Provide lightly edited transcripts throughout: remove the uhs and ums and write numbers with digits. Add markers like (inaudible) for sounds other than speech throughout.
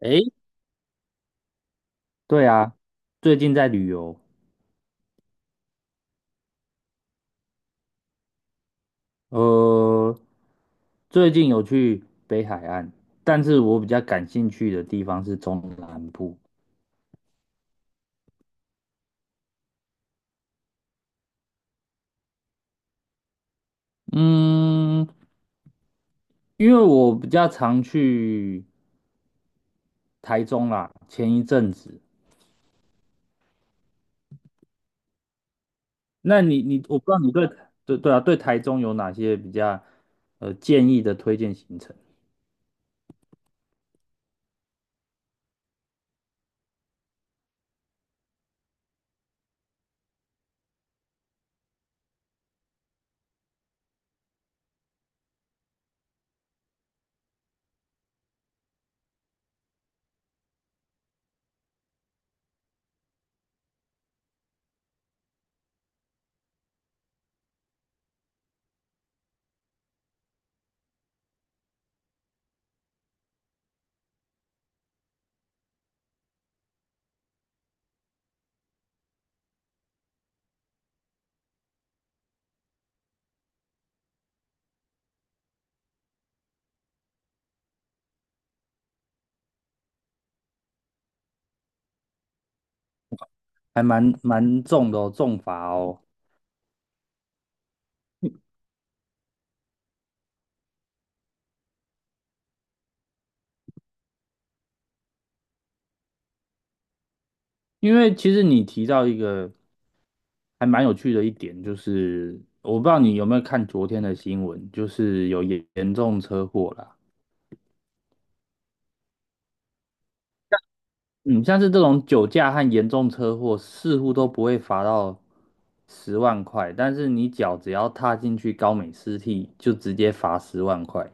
诶，对啊，最近在旅游。呃，最近有去北海岸，但是我比较感兴趣的地方是中南部。嗯，因为我比较常去台中啦，前一阵子。那你，我不知道你对对对啊，对台中有哪些比较建议的推荐行程。还蛮重的哦，重罚哦。因为其实你提到一个还蛮有趣的一点，就是我不知道你有没有看昨天的新闻，就是有严重车祸啦。嗯，像是这种酒驾和严重车祸，似乎都不会罚到十万块，但是你脚只要踏进去高美湿地，就直接罚十万块。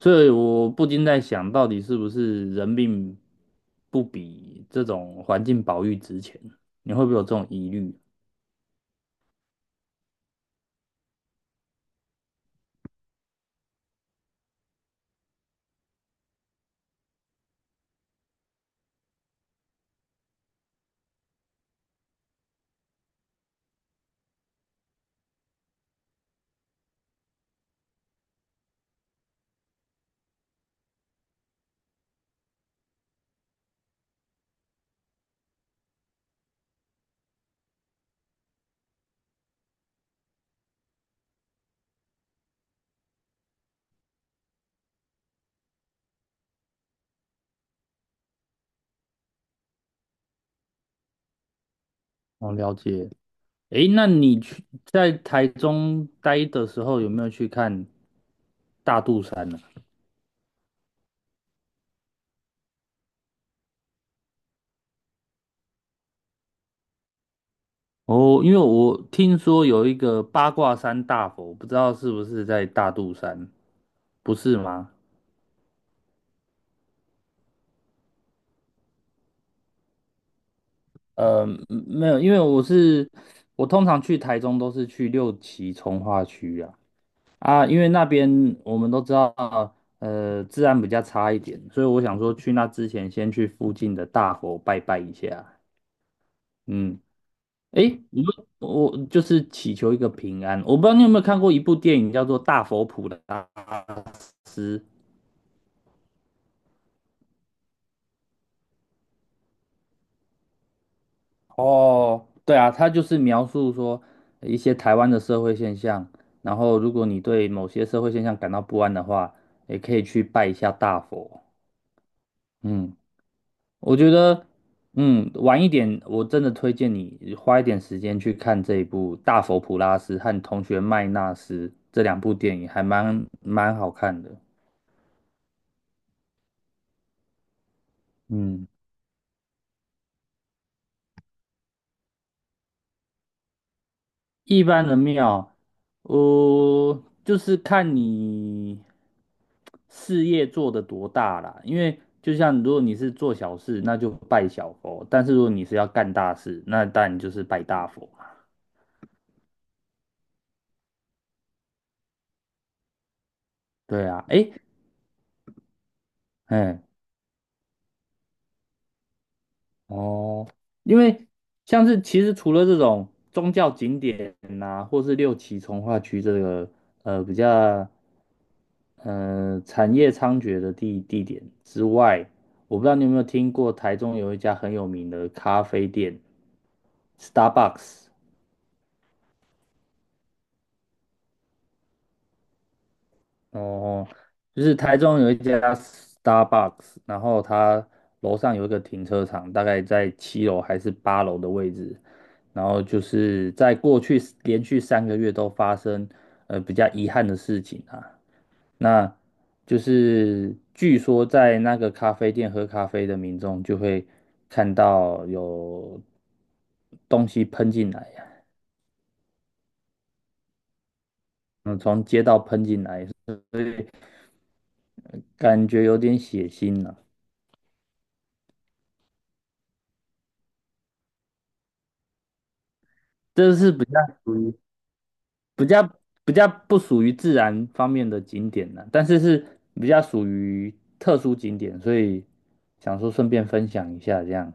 所以我不禁在想，到底是不是人命不比这种环境保育值钱？你会不会有这种疑虑？我了解。诶，那你去在台中待的时候，有没有去看大肚山呢？哦，因为我听说有一个八卦山大佛，不知道是不是在大肚山，不是吗？没有，因为我通常去台中都是去六旗从化区啊，因为那边我们都知道，呃，治安比较差一点，所以我想说去那之前先去附近的大佛拜拜一下。嗯。诶，你说我就是祈求一个平安。我不知道你有没有看过一部电影，叫做《大佛普拉斯》。哦，对啊，它就是描述说一些台湾的社会现象。然后，如果你对某些社会现象感到不安的话，也可以去拜一下大佛。嗯，我觉得，晚一点，我真的推荐你花一点时间去看这一部《大佛普拉斯》和《同学麦纳斯》这两部电影，还蛮好看的。嗯。一般的庙，呃，就是看你事业做得多大啦。因为就像如果你是做小事，那就拜小佛；但是如果你是要干大事，那当然就是拜大佛嘛。对啊，诶，嗯，哦，因为像是其实除了这种宗教景点呐、或是六旗从化区这个比较，呃，产业猖獗的地点之外，我不知道你有没有听过台中有一家很有名的咖啡店 Starbucks。哦，就是台中有一家 Starbucks，然后它楼上有一个停车场，大概在7楼还是8楼的位置。然后就是在过去连续3个月都发生比较遗憾的事情啊，那就是据说在那个咖啡店喝咖啡的民众就会看到有东西喷进来呀。嗯，从街道喷进来，所以感觉有点血腥呢。这是比较属于比较比较不属于自然方面的景点呢，但是是比较属于特殊景点，所以想说顺便分享一下这样。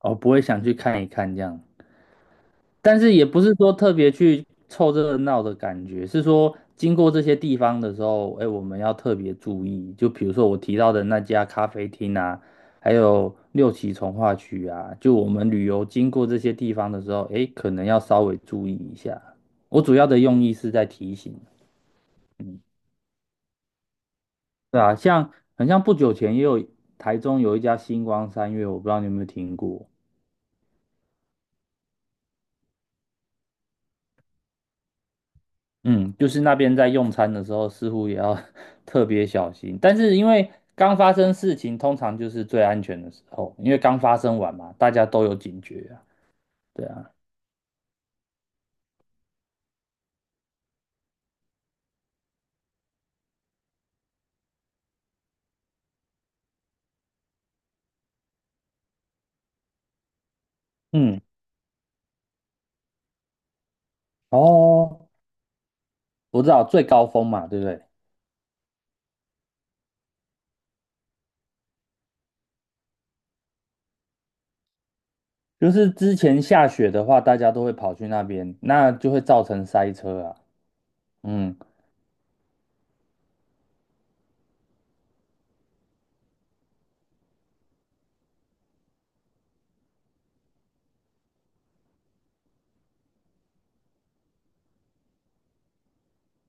哦，不会想去看一看这样。但是也不是说特别去凑热闹的感觉，是说经过这些地方的时候，哎，我们要特别注意。就比如说我提到的那家咖啡厅啊，还有六旗从化区啊，就我们旅游经过这些地方的时候，哎，可能要稍微注意一下。我主要的用意是在提醒。嗯，对啊，像很像不久前也有台中有一家星光三月，我不知道你有没有听过。嗯，就是那边在用餐的时候，似乎也要 (laughs) 特别小心。但是因为刚发生事情，通常就是最安全的时候，因为刚发生完嘛，大家都有警觉啊。对啊，嗯，哦，我知道最高峰嘛，对不对？就是之前下雪的话，大家都会跑去那边，那就会造成塞车啊。嗯，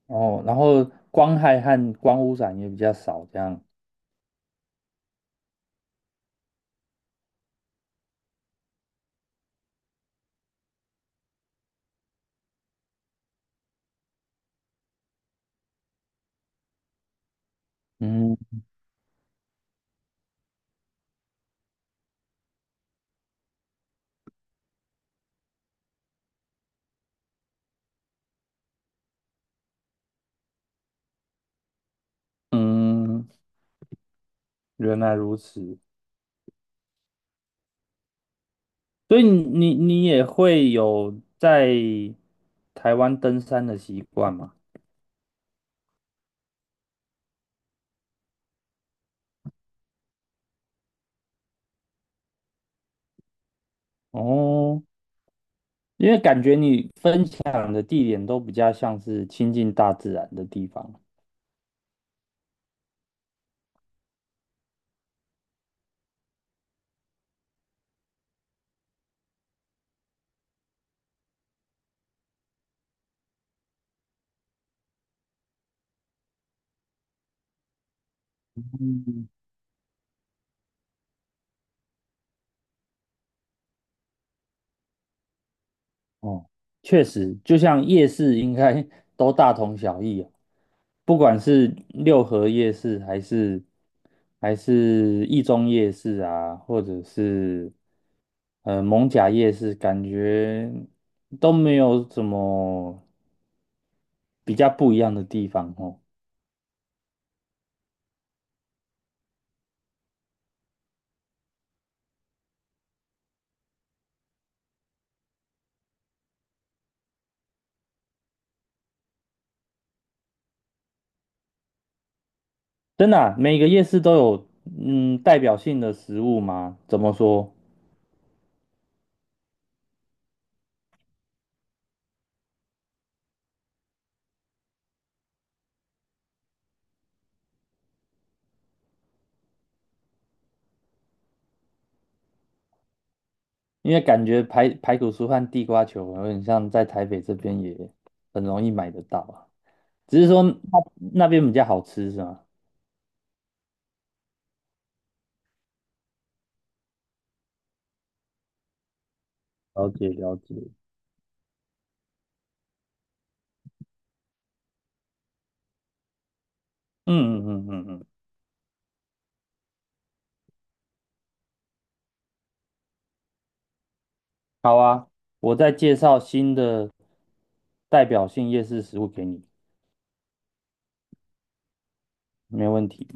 哦，然后光害和光污染也比较少，这样。嗯嗯，原来如此。所以你也会有在台湾登山的习惯吗？哦，因为感觉你分享的地点都比较像是亲近大自然的地方。嗯，哦，确实，就像夜市应该 (laughs) 都大同小异啊，不管是六合夜市还是一中夜市啊，或者是蒙甲夜市，感觉都没有什么比较不一样的地方哦。真的啊，每个夜市都有代表性的食物吗？怎么说？因为感觉排骨酥和地瓜球有点像在台北这边也很容易买得到啊，只是说那边比较好吃是吗？了解了解。嗯嗯嗯嗯嗯，好啊，我再介绍新的代表性夜市食物给你，没问题。